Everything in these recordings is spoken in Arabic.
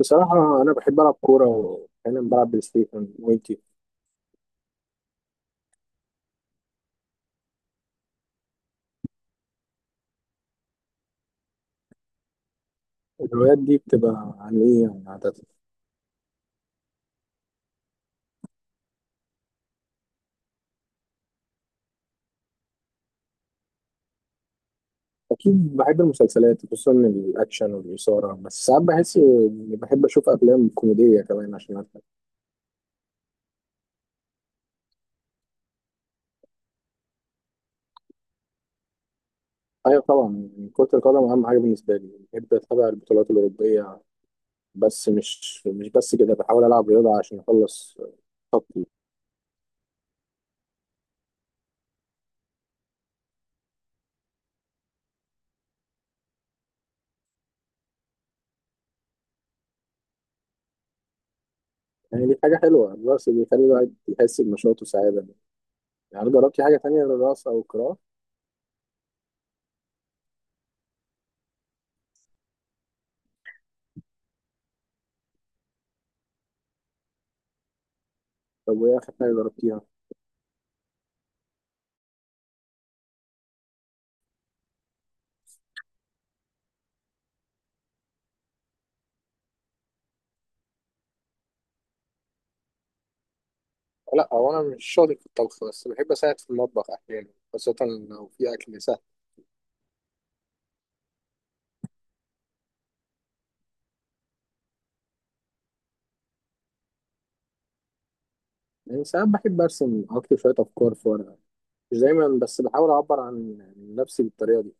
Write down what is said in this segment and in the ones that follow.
بصراحة أنا بحب ألعب كورة وأحيانا بلعب بلاي ستيشن وإنتي؟ الهوايات دي بتبقى عن إيه يعني عادة؟ أكيد بحب المسلسلات خصوصا الأكشن والإثارة، بس ساعات بحس إني بحب أشوف أفلام كوميدية كمان عشان أضحك. أيوة طبعا، يعني كرة القدم أهم حاجة بالنسبة لي، بحب أتابع البطولات الأوروبية. بس مش بس كده، بحاول ألعب رياضة عشان أخلص طاقتي. يعني دي حاجة حلوة، الرقص بيخلي الواحد يحس بنشاط وسعادة. يعني جربتي حاجة تانية غير الرقص أو القراءة؟ طب وإيه آخر حاجة جربتيها؟ لا، هو انا مش شاطر في الطبخ، بس بحب اساعد في المطبخ احيانا، خاصة لو في اكل سهل. يعني ساعات بحب ارسم، اكتب شوية افكار في ورقة، مش دايما، بس بحاول اعبر عن نفسي بالطريقة دي.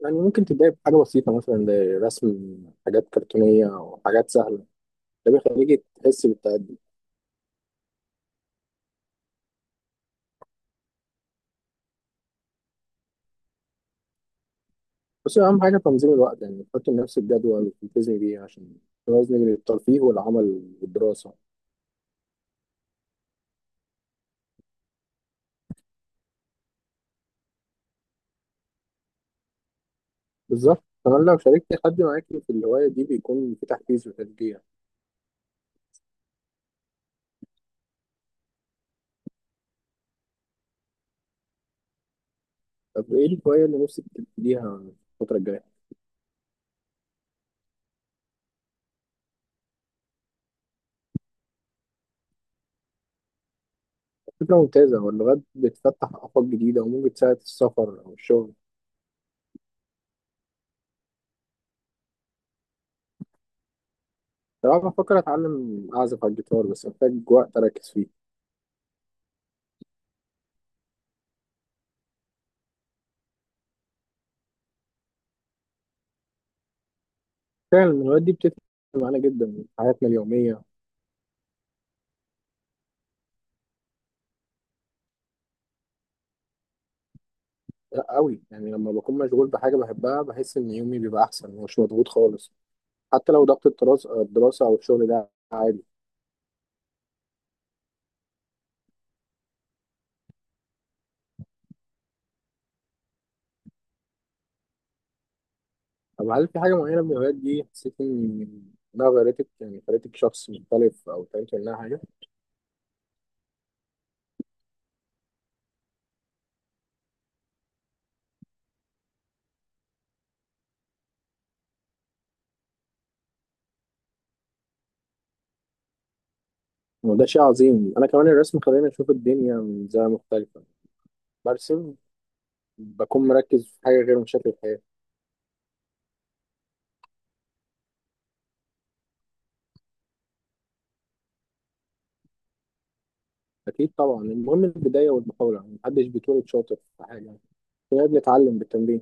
يعني ممكن تبدأي بحاجة بسيطة، مثلا زي رسم حاجات كرتونية او حاجات سهلة، ده بيخليكي تحسي بالتقدم. بس اهم حاجة تنظيم الوقت، يعني تحطي لنفسك جدول تلتزمي بيه عشان توازني بين الترفيه والعمل والدراسة. بالظبط، كمان لو شاركتي حد معاكي في الهواية دي بيكون في تحفيز وتشجيع. طب ايه الهواية اللي نفسك تبتديها الفترة الجاية؟ فكرة ممتازة، هو اللغات بتفتح آفاق جديدة وممكن تساعد في السفر أو الشغل. صراحة بفكر أتعلم أعزف على الجيتار، بس محتاج وقت أركز فيه. فعلا الهوايات دي بتفرق معانا جدا في حياتنا اليومية. لا أوي، يعني لما بكون مشغول بحاجة بحبها بحس إن يومي بيبقى أحسن ومش مضغوط خالص، حتى لو ضغط الدراسة أو الشغل، ده عادي. طب هل في حاجة معينة من الهوايات دي حسيت إنها غيرتك، يعني خلتك شخص مختلف أو اتعلمت منها حاجة؟ وده شيء عظيم، انا كمان الرسم خلاني اشوف الدنيا من زاويه مختلفه، برسم بكون مركز في حاجه غير مشاكل الحياه. اكيد طبعا، المهم البدايه والمحاوله، يعني محدش بيتولد شاطر في حاجه، يعني كلنا بنتعلم بالتمرين.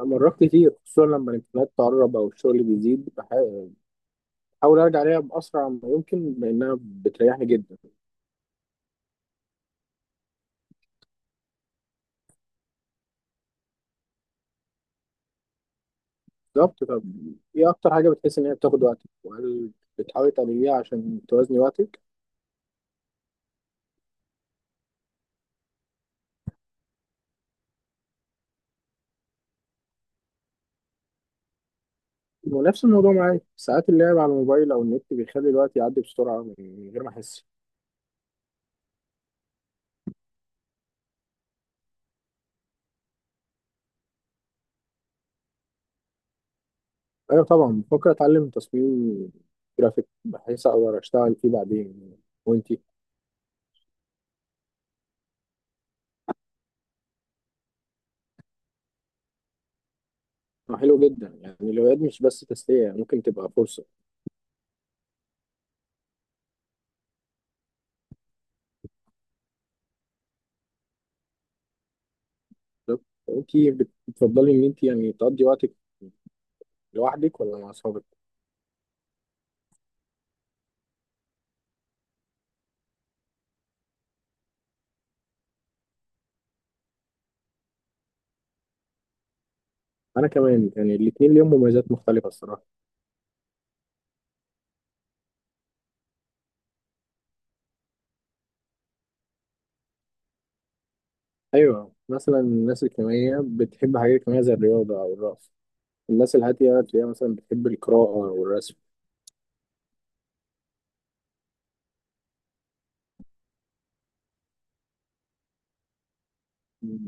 أنا مرات كتير، خصوصا لما الامتحانات تقرب او الشغل بيزيد، بحاول ارجع ليها باسرع ما يمكن لانها بتريحني جدا. بالظبط. طب ايه اكتر حاجه بتحس ان هي بتاخد وقتك، وهل بتحاولي تعمليها عشان توازني وقتك؟ ونفس الموضوع معايا، ساعات اللعب على الموبايل او النت بيخلي الوقت يعدي بسرعه من غير ما احس. ايوه طبعا، بفكر اتعلم تصميم جرافيك بحيث اقدر اشتغل فيه بعدين. وانتي؟ ما حلو جدا، يعني الهوايات مش بس تسليه، يعني ممكن تبقى فرصه. بالظبط. وانتي بتفضلي ان انتي يعني تقضي وقتك لوحدك ولا مع اصحابك؟ انا كمان يعني الاثنين ليهم مميزات مختلفه الصراحه. ايوه، مثلا الناس الاجتماعيه بتحب حاجات اجتماعيه زي الرياضه او الرقص، الناس الهاديه تلاقيها مثلا بتحب القراءه والرسم.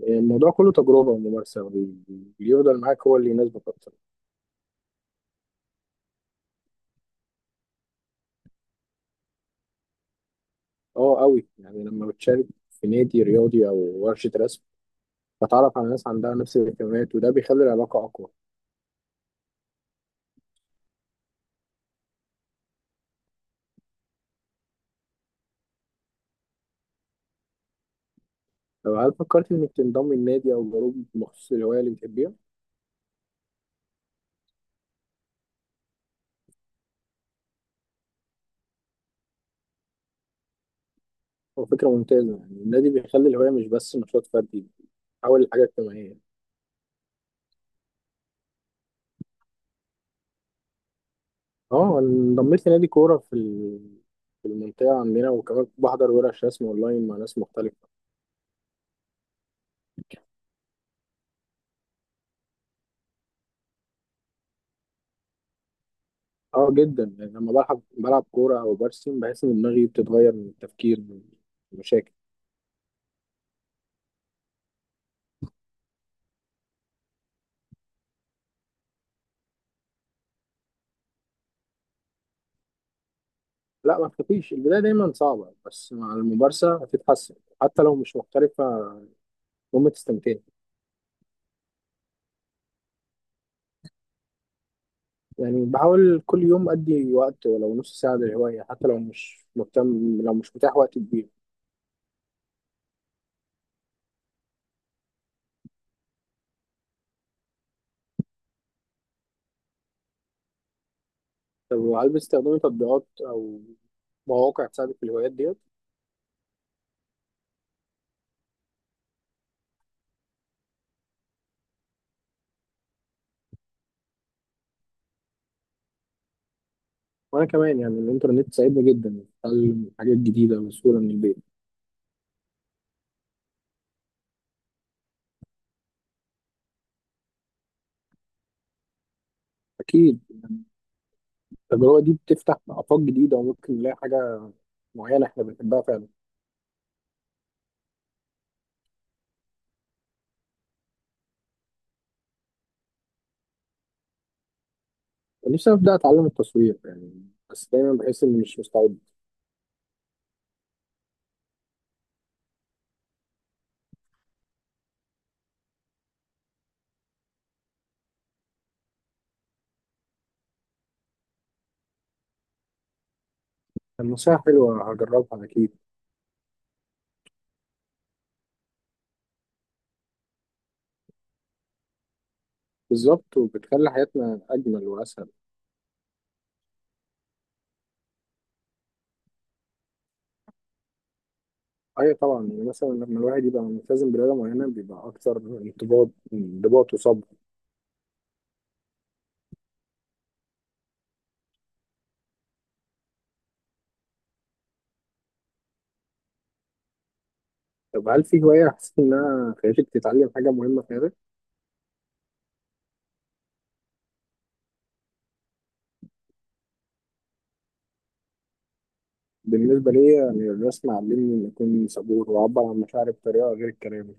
الموضوع كله تجربة وممارسة، واللي يفضل معاك هو اللي يناسبك أكتر. أه أوي، يعني لما بتشارك في نادي رياضي أو ورشة رسم بتعرف على ناس عندها نفس الاهتمامات، وده بيخلي العلاقة أقوى. لو هل فكرت إنك تنضم لنادي أو جروب مخصوص للهواية اللي بتحبيها؟ هو فكرة ممتازة، يعني النادي بيخلي الهواية مش بس نشاط فردي، بيتحول لحاجة اجتماعية. أه أنا انضميت لنادي كورة في في المنطقة عندنا، وكمان بحضر ورش رسم أونلاين مع ناس مختلفة. اه جدا، يعني لما بلعب كورة او برسم بحس ان دماغي بتتغير من التفكير من المشاكل. لا، ما تخافيش، البداية دايما صعبة بس مع الممارسة هتتحسن، حتى لو مش محترفة المهم تستمتعي. يعني بحاول كل يوم أدي وقت ولو نص ساعة للهواية، حتى لو مش مهتم، لو مش متاح وقت كبير. طب هل بتستخدمي تطبيقات أو مواقع تساعدك في الهوايات ديت؟ وأنا كمان، يعني الإنترنت ساعدني جدا في تعلم حاجات جديدة بسهولة من البيت. أكيد، التجربة دي بتفتح آفاق جديدة وممكن نلاقي حاجة معينة إحنا بنحبها فعلا. كان نفسي أبدأ أتعلم التصوير يعني، بس دايما بحس إني مش مستعد. النصيحة حلوة، هجربها أكيد. بالظبط، وبتخلي حياتنا أجمل وأسهل. أيوة طبعا، يعني مثلا لما الواحد يبقى ملتزم برياضة معينة بيبقى أكثر انضباط وصبر. طب هل في هواية حسيت إنها خلتك تتعلم حاجة مهمة في حياتك؟ بالنسبة لي يعني الرسم علمني إني أكون صبور وأعبر عن مشاعري بطريقة غير الكلام.